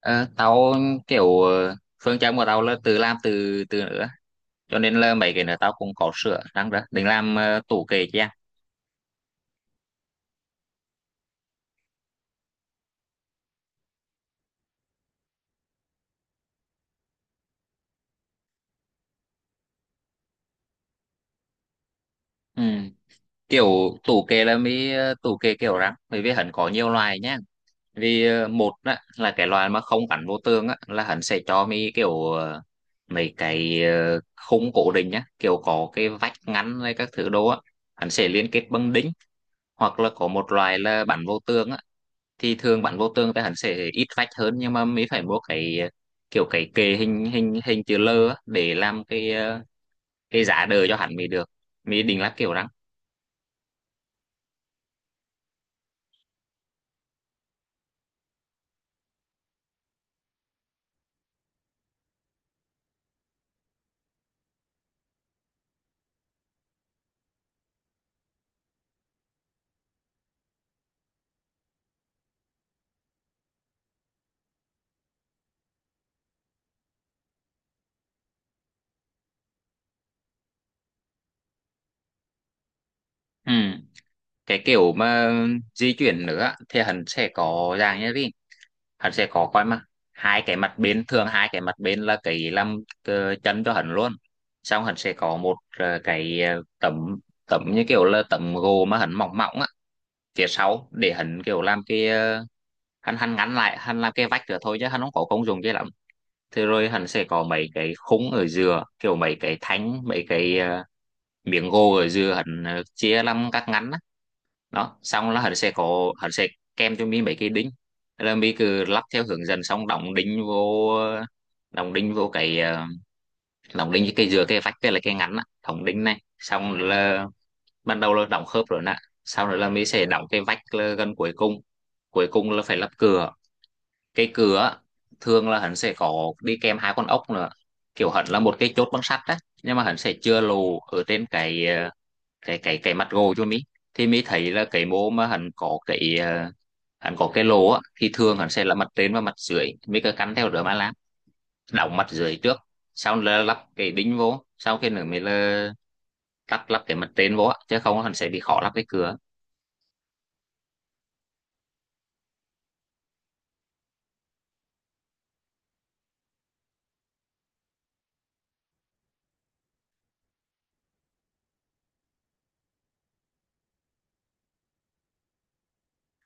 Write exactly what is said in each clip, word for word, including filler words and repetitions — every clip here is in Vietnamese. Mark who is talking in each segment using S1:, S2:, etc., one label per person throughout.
S1: Ờ, tao kiểu ờ, phương châm của tao là tự làm từ từ nữa, cho nên là mấy cái nữa tao cũng có sửa răng đó định làm ờ, tủ kệ chứ à? Ừ. Kiểu tủ kệ là mới ờ, tủ kệ kiểu rắn, bởi vì hắn có nhiều loại nhá. Vì ờ, một á, là cái loại mà không gắn vô tường á, là hắn sẽ cho mi kiểu ờ, mấy cái ờ, khung cố định nhá, kiểu có cái vách ngăn hay các thứ đồ á, hắn sẽ liên kết bằng đính. Hoặc là có một loại là bắn vô tường á, thì thường bắn vô tường thì hắn sẽ ít vách hơn, nhưng mà mới phải mua cái ờ, kiểu cái kệ hình hình hình chữ lờ á, để làm cái ờ, cái giá đỡ cho hắn mới được, mới định là kiểu răng. Ừ. Cái kiểu mà di chuyển nữa á, thì hắn sẽ có dạng như thế. Hắn sẽ có coi mà hai cái mặt bên, thường hai cái mặt bên là cái làm ờ, chân cho hắn luôn. Xong hắn sẽ có một ờ, cái ờ, tấm tấm như kiểu là tấm gỗ mà hắn mỏng mỏng á phía sau, để hắn kiểu làm cái ờ, hắn hắn ngắn lại, hắn làm cái vách nữa thôi, chứ hắn không có công dụng kia lắm. Thế rồi hắn sẽ có mấy cái khung ở giữa, kiểu mấy cái thanh, mấy cái ờ, miếng gỗ ở giữa hắn ờ, chia làm các ngắn á. Đó, xong là hắn sẽ có hắn sẽ kèm cho mi mấy cái đinh. Thế là mi cứ lắp theo hướng dẫn, xong đóng đinh vô ờ, đóng đinh vô cái ờ, đóng đinh cái giữa cái vách, cái là cái ngắn á, đóng đinh này xong là ban đầu là đóng khớp rồi nè. Sau đó là mình sẽ đóng cái vách gần cuối cùng. Cuối cùng là phải lắp cửa. Cái cửa thường là hắn sẽ có đi kèm hai con ốc nữa, kiểu hắn là một cái chốt bằng sắt đấy, nhưng mà hắn sẽ chừa lỗ ở trên cái ờ, cái cái cái mặt gồ cho mi. Thì mi thấy là cái mô mà hắn có cái ờ, hắn có cái lỗ á, thì thường hắn sẽ là mặt trên và mặt dưới, mi cứ cắn theo đó mà làm. Đóng mặt dưới trước, sau là lắp cái đinh vô, sau khi nữa mới là lắp lắp cái mặt trên vô á, chứ không hắn sẽ bị khó lắp cái cửa.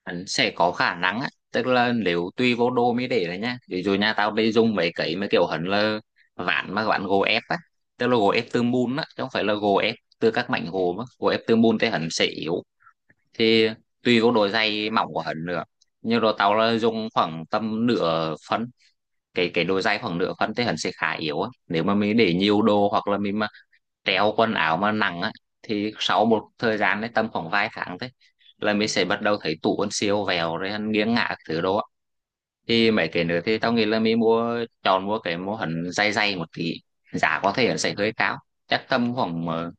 S1: Hắn sẽ có khả năng á, tức là nếu tùy vô đô mới để đấy nhá. Ví dụ nhà tao đi dùng mấy cái mấy kiểu hắn là ván, mà ván gỗ ép á, tức là gỗ ép từ mùn á, chứ không phải là gỗ ép từ các mảnh gỗ, mà gỗ ép từ mùn thì hắn sẽ yếu. Thì tùy vô độ dày mỏng của hắn nữa, nhưng rồi tao là dùng khoảng tầm nửa phân. Cái cái độ dày khoảng nửa phân thì hắn sẽ khá yếu á, nếu mà mình để nhiều đồ hoặc là mình treo quần áo mà nặng á, thì sau một thời gian đấy, tầm khoảng vài tháng thôi, là mình sẽ bắt đầu thấy tủ quần siêu vẹo rồi nghiêng ngả các thứ đó. Thì mấy cái nữa thì tao nghĩ là mình mua chọn mua cái mô hình dày dày một tí. Giá có thể là sẽ hơi cao, chắc tầm khoảng ờ,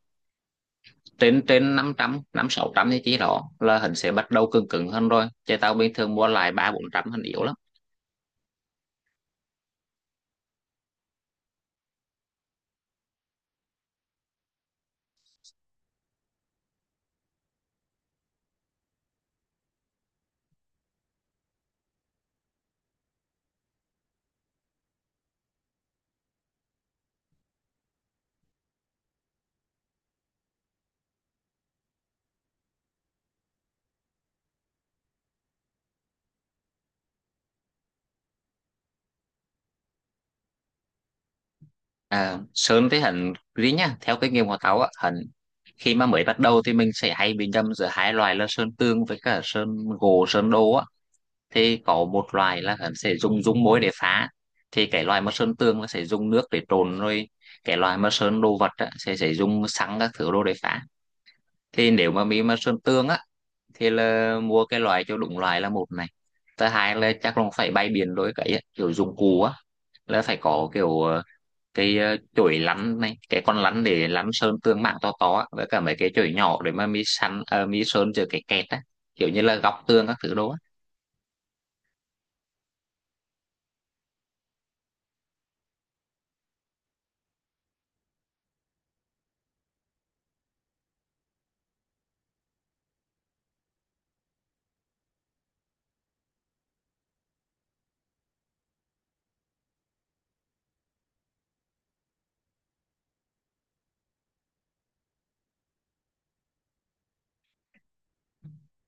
S1: trên trên năm trăm, năm sáu trăm thì chỉ đó là hắn sẽ bắt đầu cứng cứng hơn rồi, chứ tao bình thường mua lại ba bốn trăm hình yếu lắm. À, sơn thì hắn riêng nha. Theo kinh nghiệm của tao á hình, khi mà mới bắt đầu thì mình sẽ hay bị nhầm giữa hai loại là sơn tường với cả sơn gỗ sơn đồ á. Thì có một loại là hắn sẽ dùng dung môi để phá. Thì cái loại mà sơn tường nó sẽ dùng nước để trộn rồi, cái loại mà sơn đồ vật á, sẽ sẽ dùng xăng các thứ đồ để phá. Thì nếu mà mình mà sơn tường á, thì là mua cái loại cho đúng loại là một này, thứ hai là chắc là phải bay biển rồi cái á, kiểu dụng cụ á, là phải có kiểu ờ, cái ờ, chổi lắn này, cái con lắn để lắn sơn tương mảng to to á, với cả mấy cái chổi nhỏ để mà mi săn ờ, mi sơn cho cái kẹt á, kiểu như là góc tường các thứ đó á.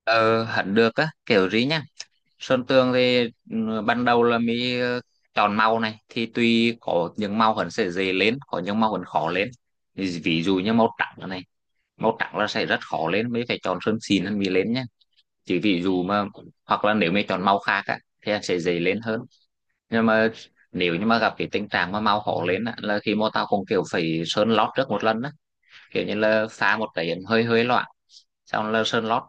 S1: Ờ hẳn được á kiểu gì nhá. Sơn tường thì ừ, ban đầu là mi ờ, chọn màu này, thì tuy có những màu hẳn sẽ dễ lên, có những màu hẳn khó lên. Ví ví dụ như màu trắng này, màu trắng là sẽ rất khó lên, mới phải chọn sơn xịn hơn mi lên nhá. Chỉ ví dụ mà, hoặc là nếu mi chọn màu khác á thì sẽ dễ lên hơn. Nhưng mà nếu như mà gặp cái tình trạng mà mau hổ lên á, là khi mà tao cũng kiểu phải sơn lót trước một lần á, kiểu như là pha một cái hơi hơi loãng, xong là sơn lót,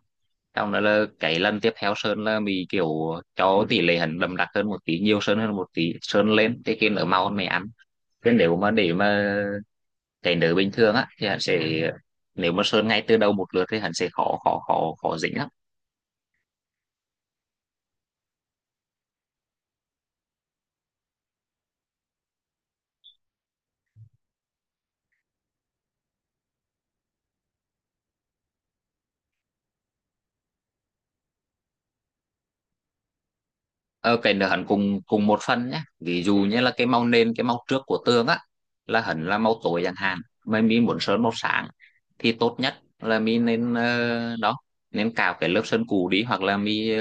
S1: xong đó là cái lần tiếp theo sơn là mình kiểu cho tỷ lệ hẳn đậm đặc hơn một tí, nhiều sơn hơn một tí, sơn lên thì cái nở mau hơn mày ăn. Thế nếu mà để mà cái nở bình thường á thì hẳn sẽ, nếu mà sơn ngay từ đầu một lượt thì hẳn sẽ khó khó khó khó dính lắm. Ờ, cảnh được hẳn cùng cùng một phần nhé. Ví dụ như là cái màu nền, cái màu trước của tường á, là hẳn là màu tối chẳng hạn, mà mình muốn sơn màu sáng, thì tốt nhất là mình nên ờ, đó, nên cào cái lớp sơn cũ đi. Hoặc là mình,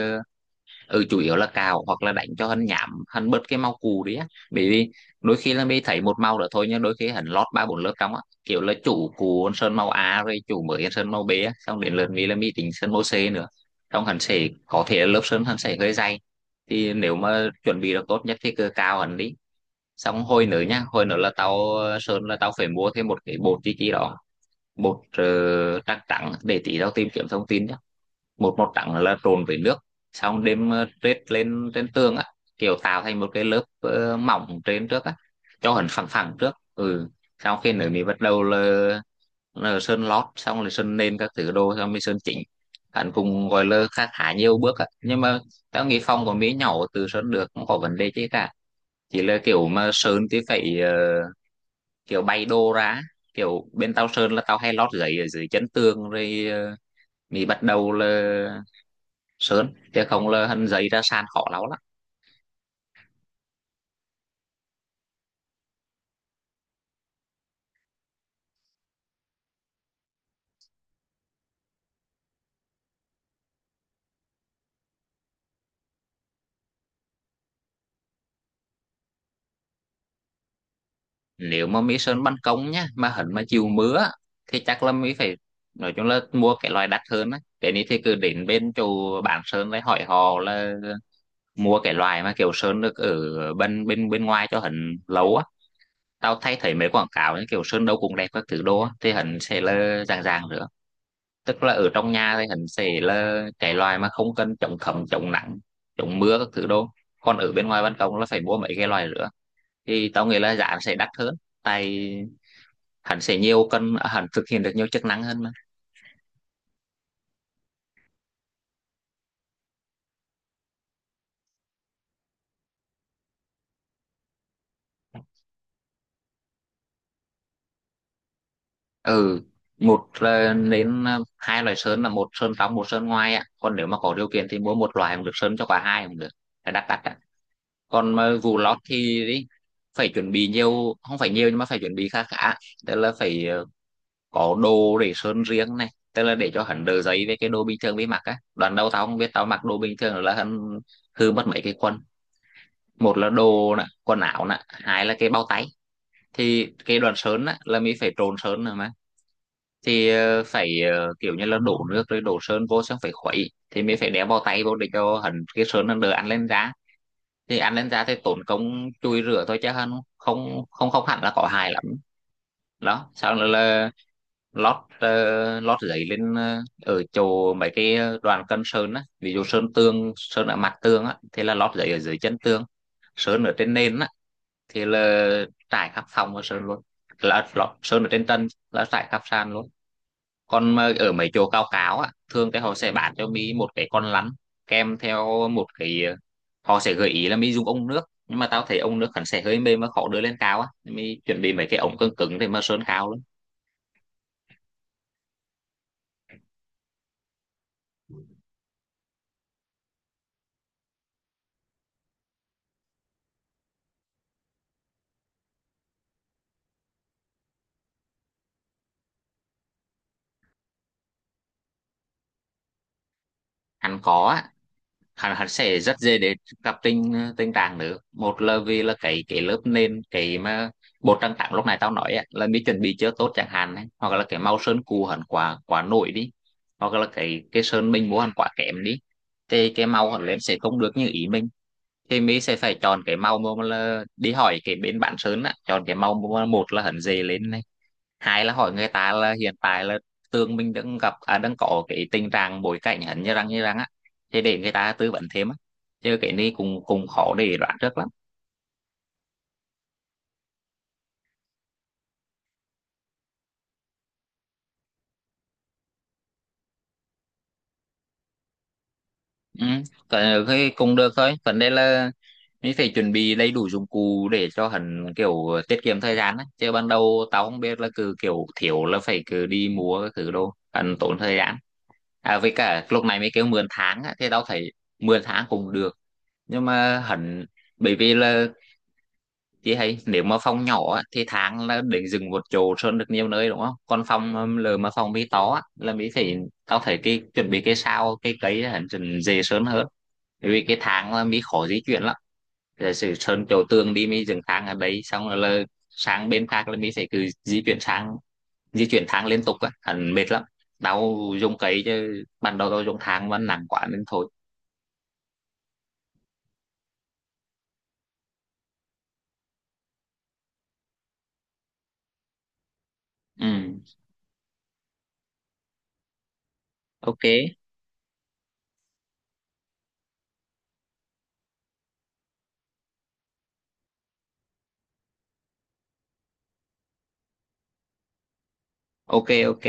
S1: ừ, chủ yếu là cào hoặc là đánh cho hắn nhảm, hắn bớt cái mau cù đi á, bởi vì đôi khi là mình thấy một màu đó thôi, nhưng đôi khi hắn lót ba bốn lớp trong á, kiểu là chủ cù hắn sơn màu A rồi, chủ mới hắn sơn màu bê á, xong đến lượt mình là mình tính sơn màu xê nữa, trong hắn sẽ có thể là lớp sơn hắn sẽ hơi dày. Thì nếu mà chuẩn bị được tốt nhất thì cứ cào hắn đi. Xong hồi nữa nhá, hồi nữa là tao ờ, sơn là tao phải mua thêm một cái bột chi chi đó, bột uh, trắng trắng, để tí tao tìm kiếm thông tin nhá. Một màu trắng là trộn với nước, xong đem ờ, trét lên trên tường á, kiểu tạo thành một cái lớp ờ, mỏng trên trước á, cho hẳn phẳng phẳng trước, ừ. Sau khi nữa mình bắt đầu là, là sơn lót xong rồi sơn nền các thứ đồ, xong mới sơn chỉnh. Hẳn cũng gọi là khá khá nhiều bước á, nhưng mà tao nghĩ phòng của mỹ nhỏ, từ sơn được, không có vấn đề chứ cả. Chỉ là kiểu mà sơn thì phải ờ, kiểu bay đồ ra. Kiểu bên tao sơn là tao hay lót giấy ở dưới chân tường, rồi ờ, mình bắt đầu là sơn, chứ không là hình giấy ra sàn khó lắm lắm. Nếu mà mi sơn ban công nhá, mà hình mà chịu mưa á, thì chắc là mi phải, nói chung là mua cái loại đắt hơn á. Cái này thì cứ đến bên chỗ bán sơn đấy hỏi họ là mua cái loại mà kiểu sơn được ở bên bên bên ngoài cho hình lâu á. Tao thấy thấy mấy quảng cáo như kiểu sơn đâu cũng đẹp các thứ đô á, thì hình sẽ là dạng dạng nữa. Tức là ở trong nhà thì hình sẽ là cái loại mà không cần chống thấm chống nắng chống mưa các thứ đô, còn ở bên ngoài ban công là phải mua mấy cái loại nữa. Thì tao nghĩ là giá nó sẽ đắt hơn, tại hắn sẽ nhiều cân, hắn thực hiện được nhiều chức năng hơn mà. Ừ, một là đến hai loại sơn, là một sơn trong một sơn ngoài á, còn nếu mà có điều kiện thì mua một loại cũng được, sơn cho cả hai cũng được, là đắt đắt á. Còn mà vụ lót thì ý, phải chuẩn bị nhiều, không phải nhiều nhưng mà phải chuẩn bị khá khá. Tức là phải ờ, có đồ để sơn riêng này, tức là để cho hắn đỡ giấy với cái đồ bình thường với mặc á. Đoạn đầu tao không biết, tao mặc đồ bình thường là hắn hư mất mấy cái quần, một Là đồ nè, quần áo nè, hai là cái bao tay. Thì cái đoạn sơn á, là mình phải trộn sơn rồi mà, thì ờ, phải ờ, kiểu như là đổ nước rồi đổ sơn vô, xong phải khuấy, thì mình phải đeo bao tay vô để cho hẳn cái sơn nó đỡ ăn lên da. Thì ăn lên da thì tốn công chùi rửa thôi, chứ hơn không không không hẳn là có hại lắm. Đó, sau nữa là lót ờ, lót giấy lên, ờ, ở chỗ mấy cái đoàn cân sơn á. Ví dụ sơn tường, sơn ở mặt tường á, thì là lót giấy ở dưới chân tường. Sơn ở trên nền á thì là trải khắp phòng và sơn luôn, là lót sơn ở trên tân là trải khắp sàn luôn. Còn mà ở mấy chỗ cao cáo á, thường thì họ sẽ bán cho mi một cái con lăn kèm theo một cái. Họ sẽ gợi ý là mi dùng ống nước, nhưng mà tao thấy ống nước hẳn sẽ hơi mềm và khó đưa lên cao á, mi chuẩn bị mấy cái ống cứng cứng để mà sơn cao lắm. Hắn có á, hắn hắn sẽ rất dễ để gặp tình tình trạng nữa. Một là vì là cái cái lớp nền, cái mà bột trang trắng lúc này tao nói á, là mi chuẩn bị chưa tốt chẳng hạn ấy, hoặc là cái màu sơn cũ hẳn quá quá nổi đi, hoặc là cái cái sơn mình mua hẳn quá kém đi, thì cái màu hẳn lên sẽ không được như ý mình. Thì mi sẽ phải chọn cái màu mà, là đi hỏi cái bên bạn sơn á, chọn cái màu mà một là hẳn dễ lên, hai là hỏi người ta là hiện tại là tường mình đang gặp à, đang có cái tình trạng bối cảnh hắn như răng như răng á, thì để người ta tư vấn thêm á. Chứ cái này cũng cũng khó để đoán trước lắm. Ừ. Cái, cái cũng được thôi, vấn đề là mình phải chuẩn bị đầy đủ dụng cụ để cho hắn kiểu tiết kiệm thời gian á. Chứ ban đầu tao không biết là cứ kiểu thiếu là phải cứ đi mua cái thứ đồ, hắn tốn thời gian. À, với cả lúc này mới kêu mượn tháng á, thì tao thấy mượn tháng cũng được, nhưng mà hắn, bởi vì là chị thấy nếu mà phòng nhỏ á, thì tháng là để dừng một chỗ sơn được nhiều nơi đúng không? Còn phòng um, lờ mà phòng mi to á, là mi phải, tao thấy cái chuẩn bị cái sao cái cấy hẳn dần dễ sơn hơn. Bởi vì cái tháng là mi khó di chuyển lắm. Giả sử sơn chỗ tường đi, mi dừng tháng ở đấy, xong rồi là sang bên khác là mi phải cứ di chuyển sang, di chuyển tháng liên tục á, hẳn mệt lắm. Tao dùng cấy, chứ ban đầu tao dùng tháng mà nặng quá nên thôi. Ừ, ok, ok, ok.